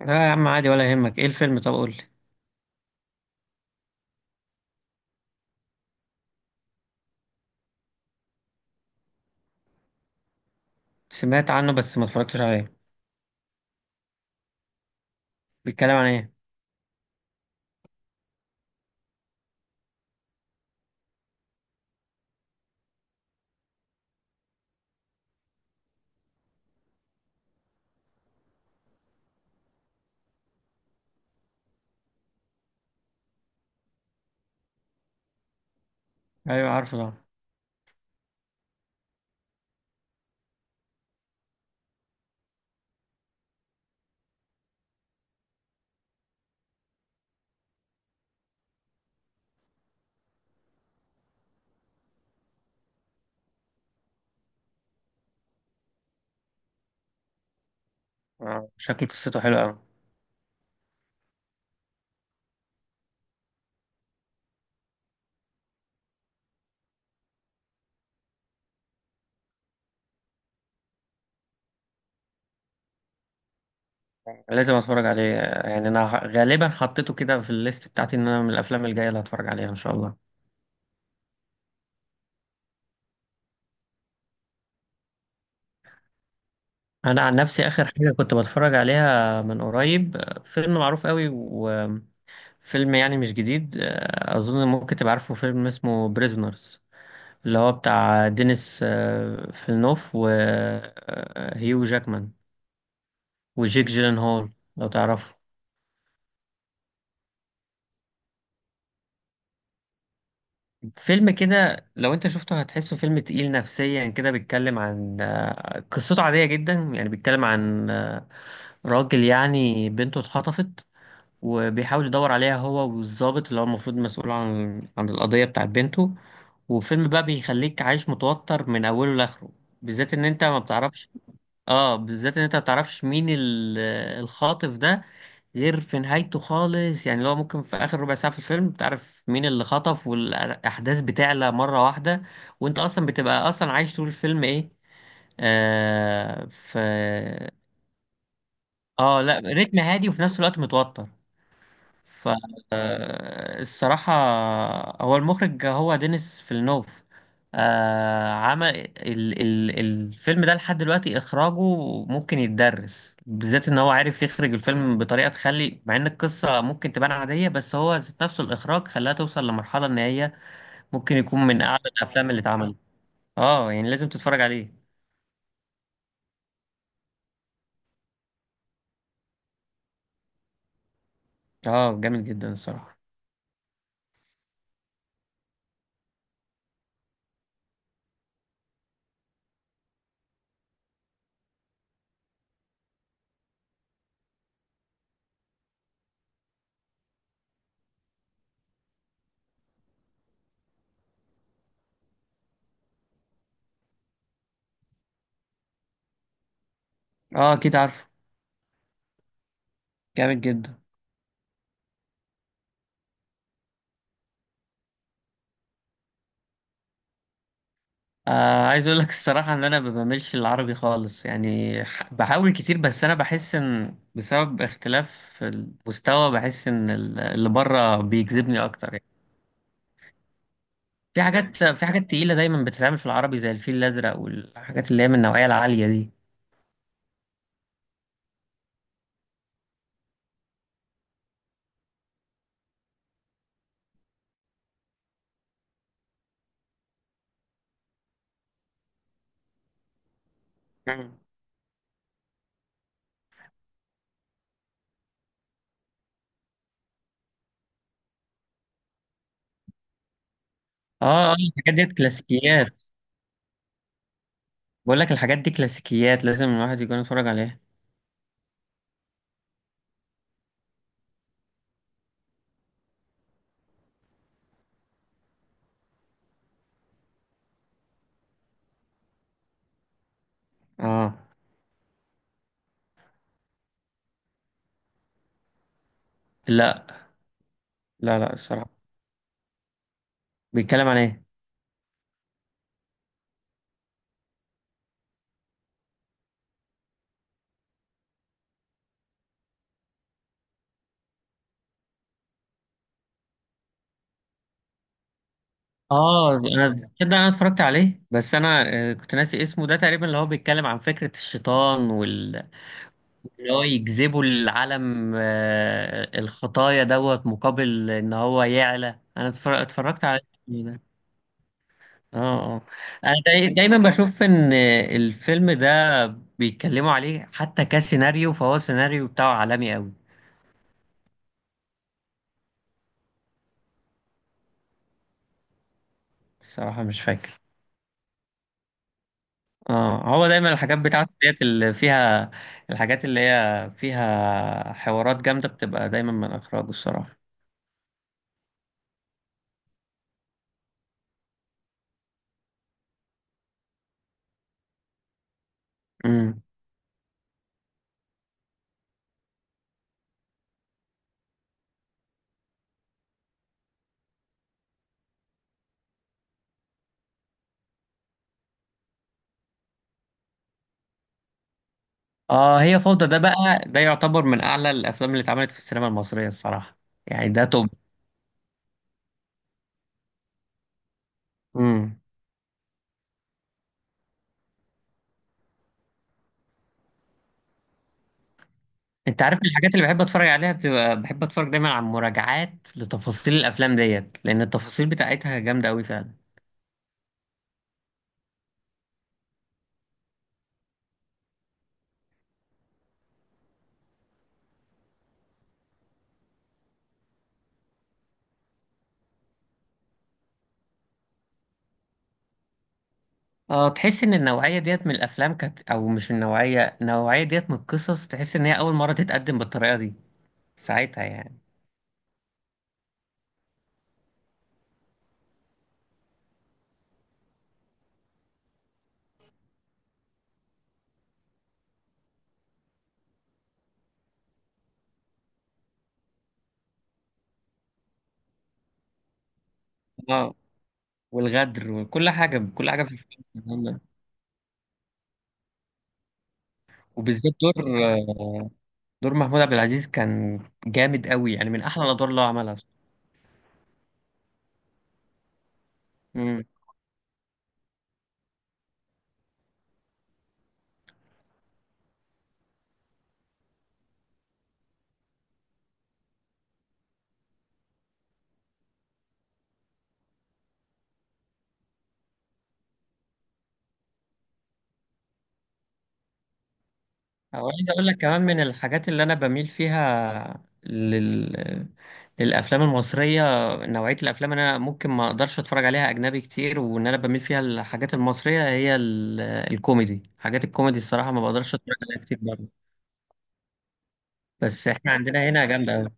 لا يا عم، عادي ولا يهمك. ايه الفيلم؟ طب قول لي. سمعت عنه بس ما اتفرجتش عليه. بيتكلم عن ايه؟ ايوه، عارفه طبعا. آه، شكله قصته حلوه قوي. لازم اتفرج عليه. يعني انا غالبا حطيته كده في الليست بتاعتي ان انا من الافلام الجايه اللي هتفرج عليها ان شاء الله. انا عن نفسي، اخر حاجه كنت بتفرج عليها من قريب فيلم معروف قوي وفيلم يعني مش جديد. اظن ممكن تبقى عارفه فيلم اسمه بريزنرز، اللي هو بتاع دينيس فيلنوف وهيو جاكمان وجيك جيلنهول، لو تعرفه. فيلم كده، لو انت شفته هتحسه فيلم تقيل نفسيا كده. بيتكلم عن قصته عادية جدا، يعني بيتكلم عن راجل يعني بنته اتخطفت، وبيحاول يدور عليها هو والضابط اللي هو المفروض مسؤول عن القضية بتاعت بنته. وفيلم بقى بيخليك عايش متوتر من أوله لآخره، بالذات إن أنت ما بتعرفش. اه، بالذات إن أنت ما بتعرفش مين الخاطف ده غير في نهايته خالص. يعني لو ممكن في اخر ربع ساعه في الفيلم تعرف مين اللي خطف، والاحداث بتعلى مره واحده، وانت اصلا بتبقى اصلا عايش طول الفيلم ايه. في. اه، لا رتم هادي وفي نفس الوقت متوتر. فالصراحة، هو المخرج هو دينيس فيلنوف. عمل ال ال الفيلم ده لحد دلوقتي إخراجه ممكن يتدرس، بالذات إن هو عارف يخرج الفيلم بطريقة تخلي، مع إن القصة ممكن تبان عادية، بس هو ذات نفسه الإخراج خلاها توصل لمرحلة إن هي ممكن يكون من أعلى الأفلام اللي اتعملت. اه يعني لازم تتفرج عليه. اه، جامد جدا الصراحة. اه، أكيد عارفه. جامد جدا. عايز اقول لك الصراحه ان انا ما بعملش العربي خالص. يعني بحاول كتير، بس انا بحس ان بسبب اختلاف المستوى بحس ان اللي بره بيجذبني اكتر يعني. في حاجات تقيله دايما بتتعمل في العربي، زي الفيل الازرق والحاجات اللي هي من النوعيه العاليه دي. مم. اه، اه، الحاجات دي كلاسيكيات. بقول لك الحاجات دي كلاسيكيات، لازم الواحد يكون يتفرج عليها. اه، لا، لا، لا، الصراحه. بيتكلم عن ايه؟ اه، انا تصدق انا اتفرجت عليه، بس انا كنت ناسي اسمه ده تقريبا. اللي هو بيتكلم عن فكرة الشيطان وال اللي هو يجذبوا العالم الخطايا دوت، مقابل ان هو يعلى. انا اتفرجت على الفيلم ده. اه، اه، انا دايما بشوف ان الفيلم ده بيتكلموا عليه حتى كسيناريو، فهو سيناريو بتاعه عالمي قوي. الصراحة مش فاكر. اه، هو دايما الحاجات بتاعته ديت اللي فيها الحاجات اللي هي فيها حوارات جامدة بتبقى دايما من اخراجه الصراحة. امم. اه، هي فوضى ده بقى. ده يعتبر من اعلى الافلام اللي اتعملت في السينما المصرية الصراحة. يعني ده توب. امم. انت عارف، من الحاجات اللي بحب اتفرج عليها بتبقى بحب اتفرج دايما على مراجعات لتفاصيل الافلام ديت، لان التفاصيل بتاعتها جامدة قوي فعلا. اه، تحس ان النوعية ديت من الافلام كانت، او مش النوعية ديت من القصص، تحس ان هي اول مرة تتقدم بالطريقة دي ساعتها يعني. اه، والغدر وكل حاجة كل حاجة في الفيلم ده. وبالذات آه، دور محمود عبد العزيز كان جامد قوي، يعني من أحلى الأدوار اللي هو عملها. امم. وعايز أقول لك كمان، من الحاجات اللي أنا بميل فيها للأفلام المصرية، نوعية الأفلام اللي أنا ممكن ما أقدرش أتفرج عليها أجنبي كتير وإن أنا بميل فيها الحاجات المصرية، هي الكوميدي. حاجات الكوميدي الصراحة ما بقدرش أتفرج عليها كتير برضه. بس إحنا عندنا هنا جامدة أوي.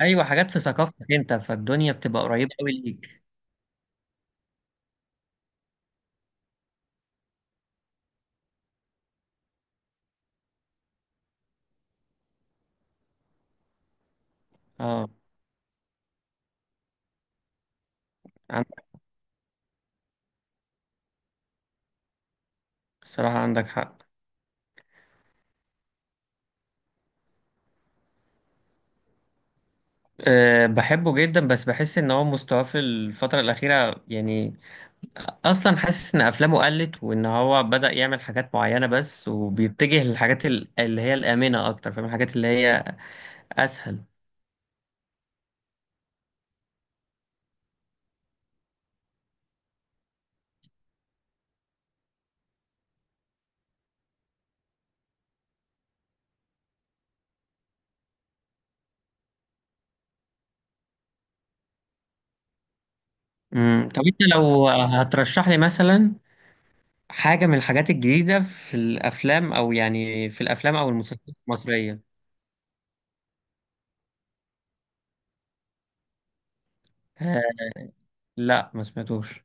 أيوة، حاجات في ثقافتك أنت، فالدنيا بتبقى قريبة أوي ليك. اه، عندك. الصراحة عندك حق. أه، بحبه جدا، بس بحس ان هو مستواه في الفترة الأخيرة يعني أصلا حاسس ان أفلامه قلت، وان هو بدأ يعمل حاجات معينة بس، وبيتجه للحاجات اللي هي الآمنة أكتر، فاهم، الحاجات اللي هي أسهل. طب أنت لو هترشح لي مثلا حاجة من الحاجات الجديدة في الأفلام، أو يعني في الأفلام أو المسلسلات المصرية. أه، لا، ما سمعتوش.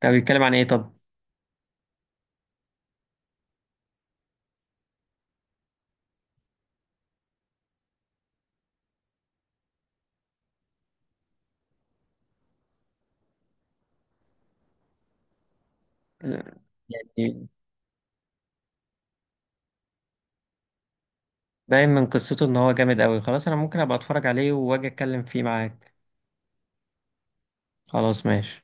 ده بيتكلم عن إيه طب؟ يعني باين من قصته ان هو جامد قوي، خلاص انا ممكن ابقى اتفرج عليه واجي اتكلم فيه معاك. خلاص، ماشي.